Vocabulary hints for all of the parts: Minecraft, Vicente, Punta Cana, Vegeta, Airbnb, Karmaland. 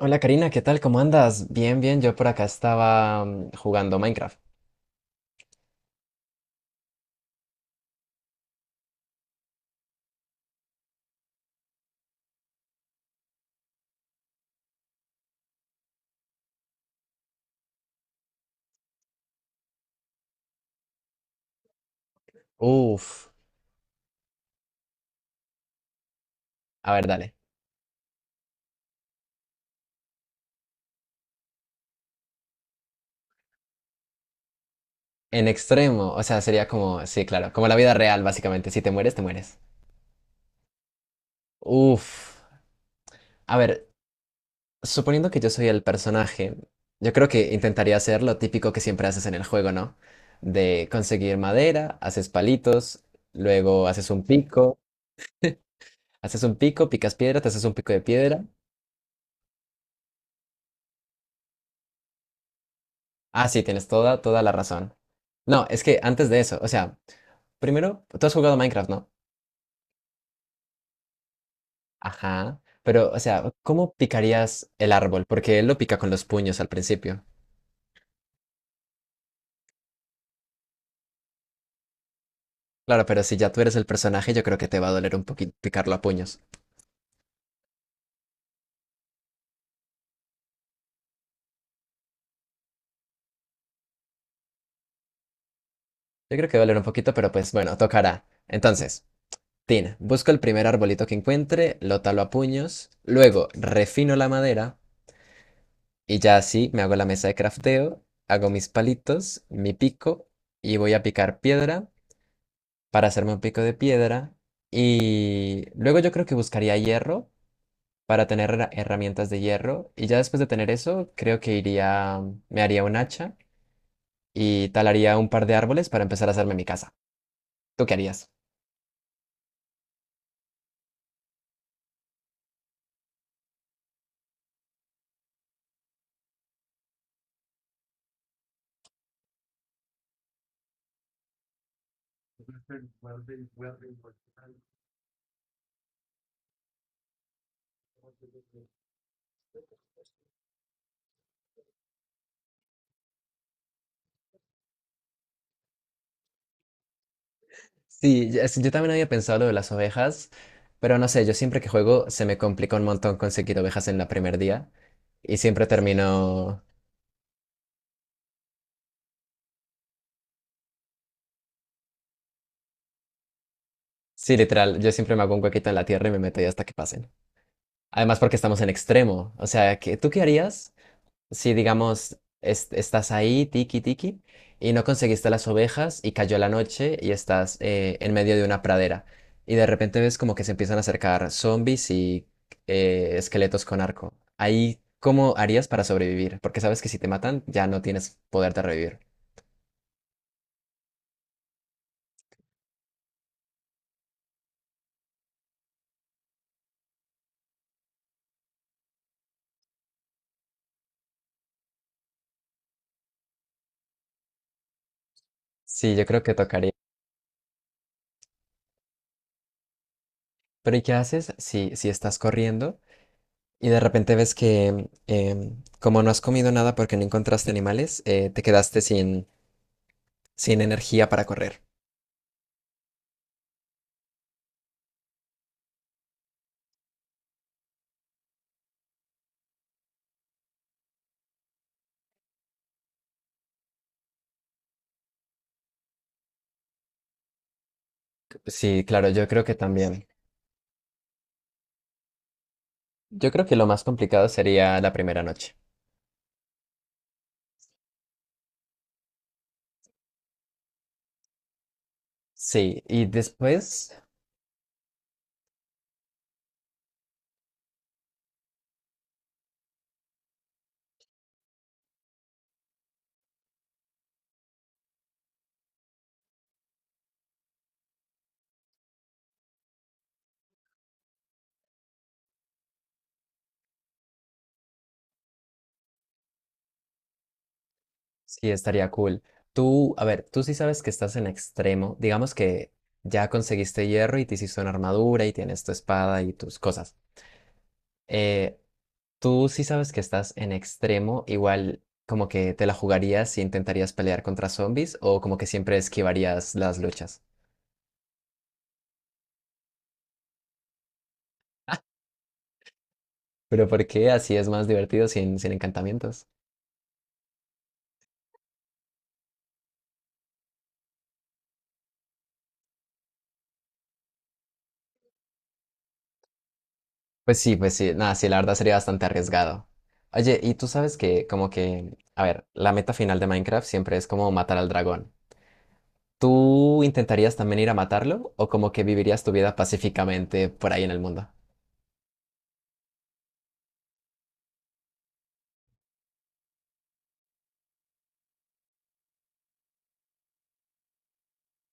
Hola Karina, ¿qué tal? ¿Cómo andas? Bien, bien, yo por acá estaba jugando Minecraft. Uf, a ver, dale. En extremo, o sea, sería como, sí, claro, como la vida real, básicamente. Si te mueres, te mueres. Uf, a ver, suponiendo que yo soy el personaje, yo creo que intentaría hacer lo típico que siempre haces en el juego, ¿no? De conseguir madera, haces palitos, luego haces un pico, picas piedra, te haces un pico de piedra. Ah, sí, tienes toda, toda la razón. No, es que antes de eso, o sea, primero, tú has jugado Minecraft, ¿no? Ajá. Pero, o sea, ¿cómo picarías el árbol? Porque él lo pica con los puños al principio. Claro, pero si ya tú eres el personaje, yo creo que te va a doler un poquito picarlo a puños. Yo creo que va a doler un poquito, pero pues bueno, tocará. Entonces, Tin, busco el primer arbolito que encuentre, lo talo a puños, luego refino la madera y ya así me hago la mesa de crafteo, hago mis palitos, mi pico y voy a picar piedra para hacerme un pico de piedra. Y luego yo creo que buscaría hierro para tener herramientas de hierro. Y ya después de tener eso, creo que iría, me haría un hacha y talaría un par de árboles para empezar a hacerme mi casa. ¿Tú qué harías? Sí, ya- sí, yo también había pensado lo de las ovejas, pero no sé, yo siempre que juego se me complica un montón conseguir ovejas en la primer día y siempre termino... Sí, literal, yo siempre me hago un huequito en la tierra y me meto ahí hasta que pasen. Además porque estamos en extremo, o sea, ¿qué- ¿tú qué harías? Si digamos estás ahí, tiki tiki, y no conseguiste las ovejas y cayó la noche y estás en medio de una pradera. Y de repente ves como que se empiezan a acercar zombies y esqueletos con arco. Ahí, ¿cómo harías para sobrevivir? Porque sabes que si te matan ya no tienes poder de revivir. Sí, yo creo que tocaría. Pero ¿y qué haces si, si estás corriendo y de repente ves que como no has comido nada porque no encontraste animales, te quedaste sin, sin energía para correr? Sí, claro, yo creo que también. Yo creo que lo más complicado sería la primera noche. Sí, y después sí estaría cool. Tú, a ver, tú sí sabes que estás en extremo. Digamos que ya conseguiste hierro y te hiciste una armadura y tienes tu espada y tus cosas. Eh, Tú sí sabes que estás en extremo, igual como que te la jugarías y intentarías pelear contra zombies o como que siempre esquivarías las luchas. Pero ¿por qué así es más divertido sin, sin encantamientos? Pues sí, nada, sí, la verdad sería bastante arriesgado. Oye, y tú sabes que, como que, a ver, la meta final de Minecraft siempre es como matar al dragón. ¿Tú intentarías también ir a matarlo o como que vivirías tu vida pacíficamente por ahí en el mundo?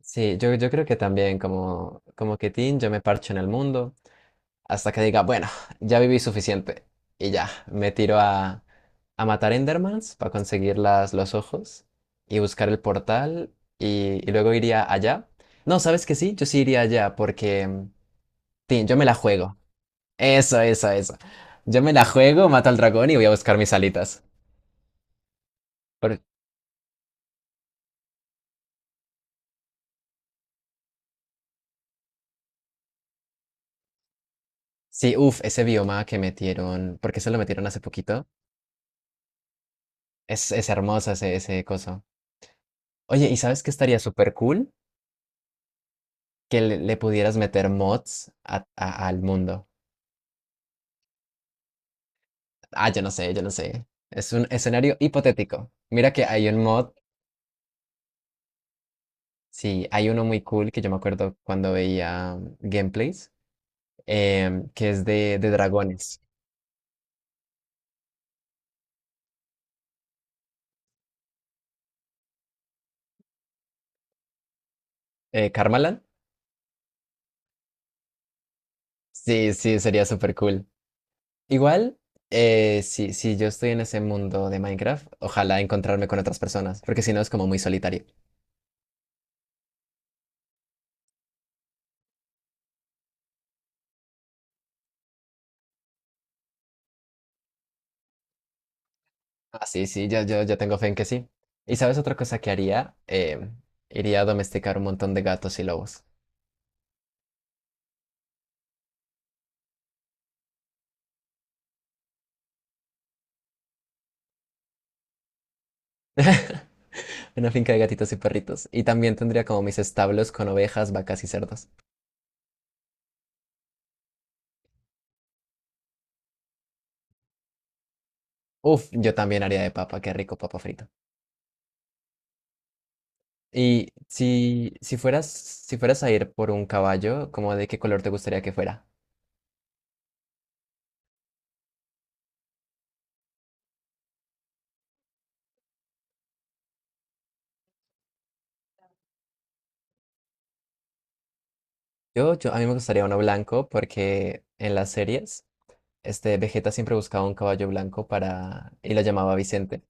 Sí, yo creo que también como, como que Tin, yo me parcho en el mundo. Hasta que diga, bueno, ya viví suficiente. Y ya, me tiro a matar Endermans para conseguir las, los ojos y buscar el portal y luego iría allá. No, ¿sabes que sí? Yo sí iría allá porque, tin, yo me la juego. Eso, eso, eso. Yo me la juego, mato al dragón y voy a buscar mis alitas. Por- sí, uff, ese bioma que metieron, porque se lo metieron hace poquito. Es hermoso ese, ese coso. Oye, ¿y sabes qué estaría súper cool? Que le pudieras meter mods al mundo. Ah, yo no sé, yo no sé. Es un escenario hipotético. Mira que hay un mod, sí, hay uno muy cool que yo me acuerdo cuando veía gameplays, que es de dragones. ¿Karmaland? Sí, sí, sería súper cool. Igual, si, si yo estoy en ese mundo de Minecraft, ojalá encontrarme con otras personas, porque si no es como muy solitario. Ah, sí, sí, yo tengo fe en que sí. ¿Y sabes otra cosa que haría? Iría a domesticar un montón de gatos y lobos. Una finca de gatitos y perritos. Y también tendría como mis establos con ovejas, vacas y cerdos. Uf, yo también haría de papa, qué rico papa frito. Y si, si fueras, si fueras a ir por un caballo, ¿cómo de qué color te gustaría que fuera? Yo, a mí me gustaría uno blanco porque en las series, este Vegeta siempre buscaba un caballo blanco para, y lo llamaba Vicente.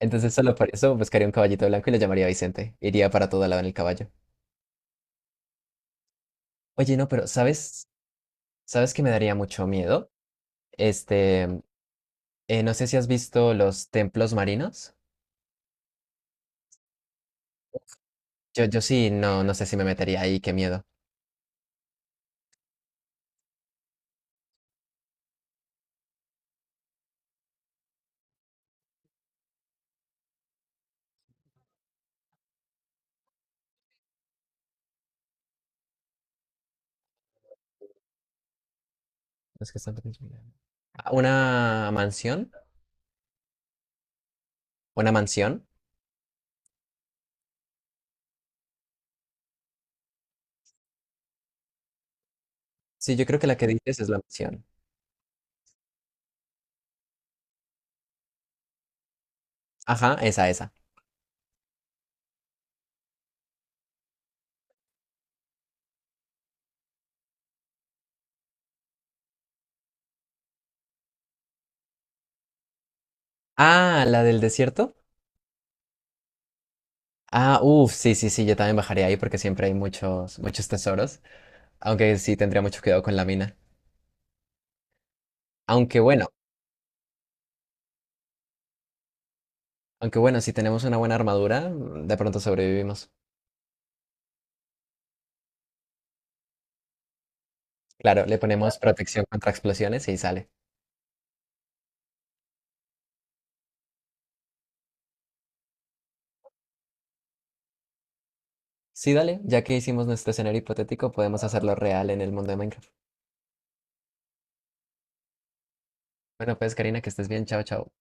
Entonces solo por eso buscaría un caballito blanco y lo llamaría Vicente. Iría para todo lado en el caballo. Oye, no, pero ¿sabes? ¿Sabes que me daría mucho miedo? Este, no sé si has visto los templos marinos. Yo sí, no, no sé si me metería ahí, qué miedo. Los que están pequeños, mira. Ah, ¿una mansión? ¿Una mansión? Sí, yo creo que la que dices es la mansión. Ajá, esa, esa. Ah, la del desierto. Ah, uff, sí, sí, sí, yo también bajaría ahí porque siempre hay muchos, muchos tesoros. Aunque sí tendría mucho cuidado con la mina. Aunque bueno. Aunque bueno, si tenemos una buena armadura, mm, de pronto sobrevivimos. Claro, le ponemos protección contra explosiones y sale. Sí, dale, ya que hicimos nuestro escenario hipotético, podemos hacerlo real en el mundo de Minecraft. Bueno, pues Karina, que estés bien. Chao, chao.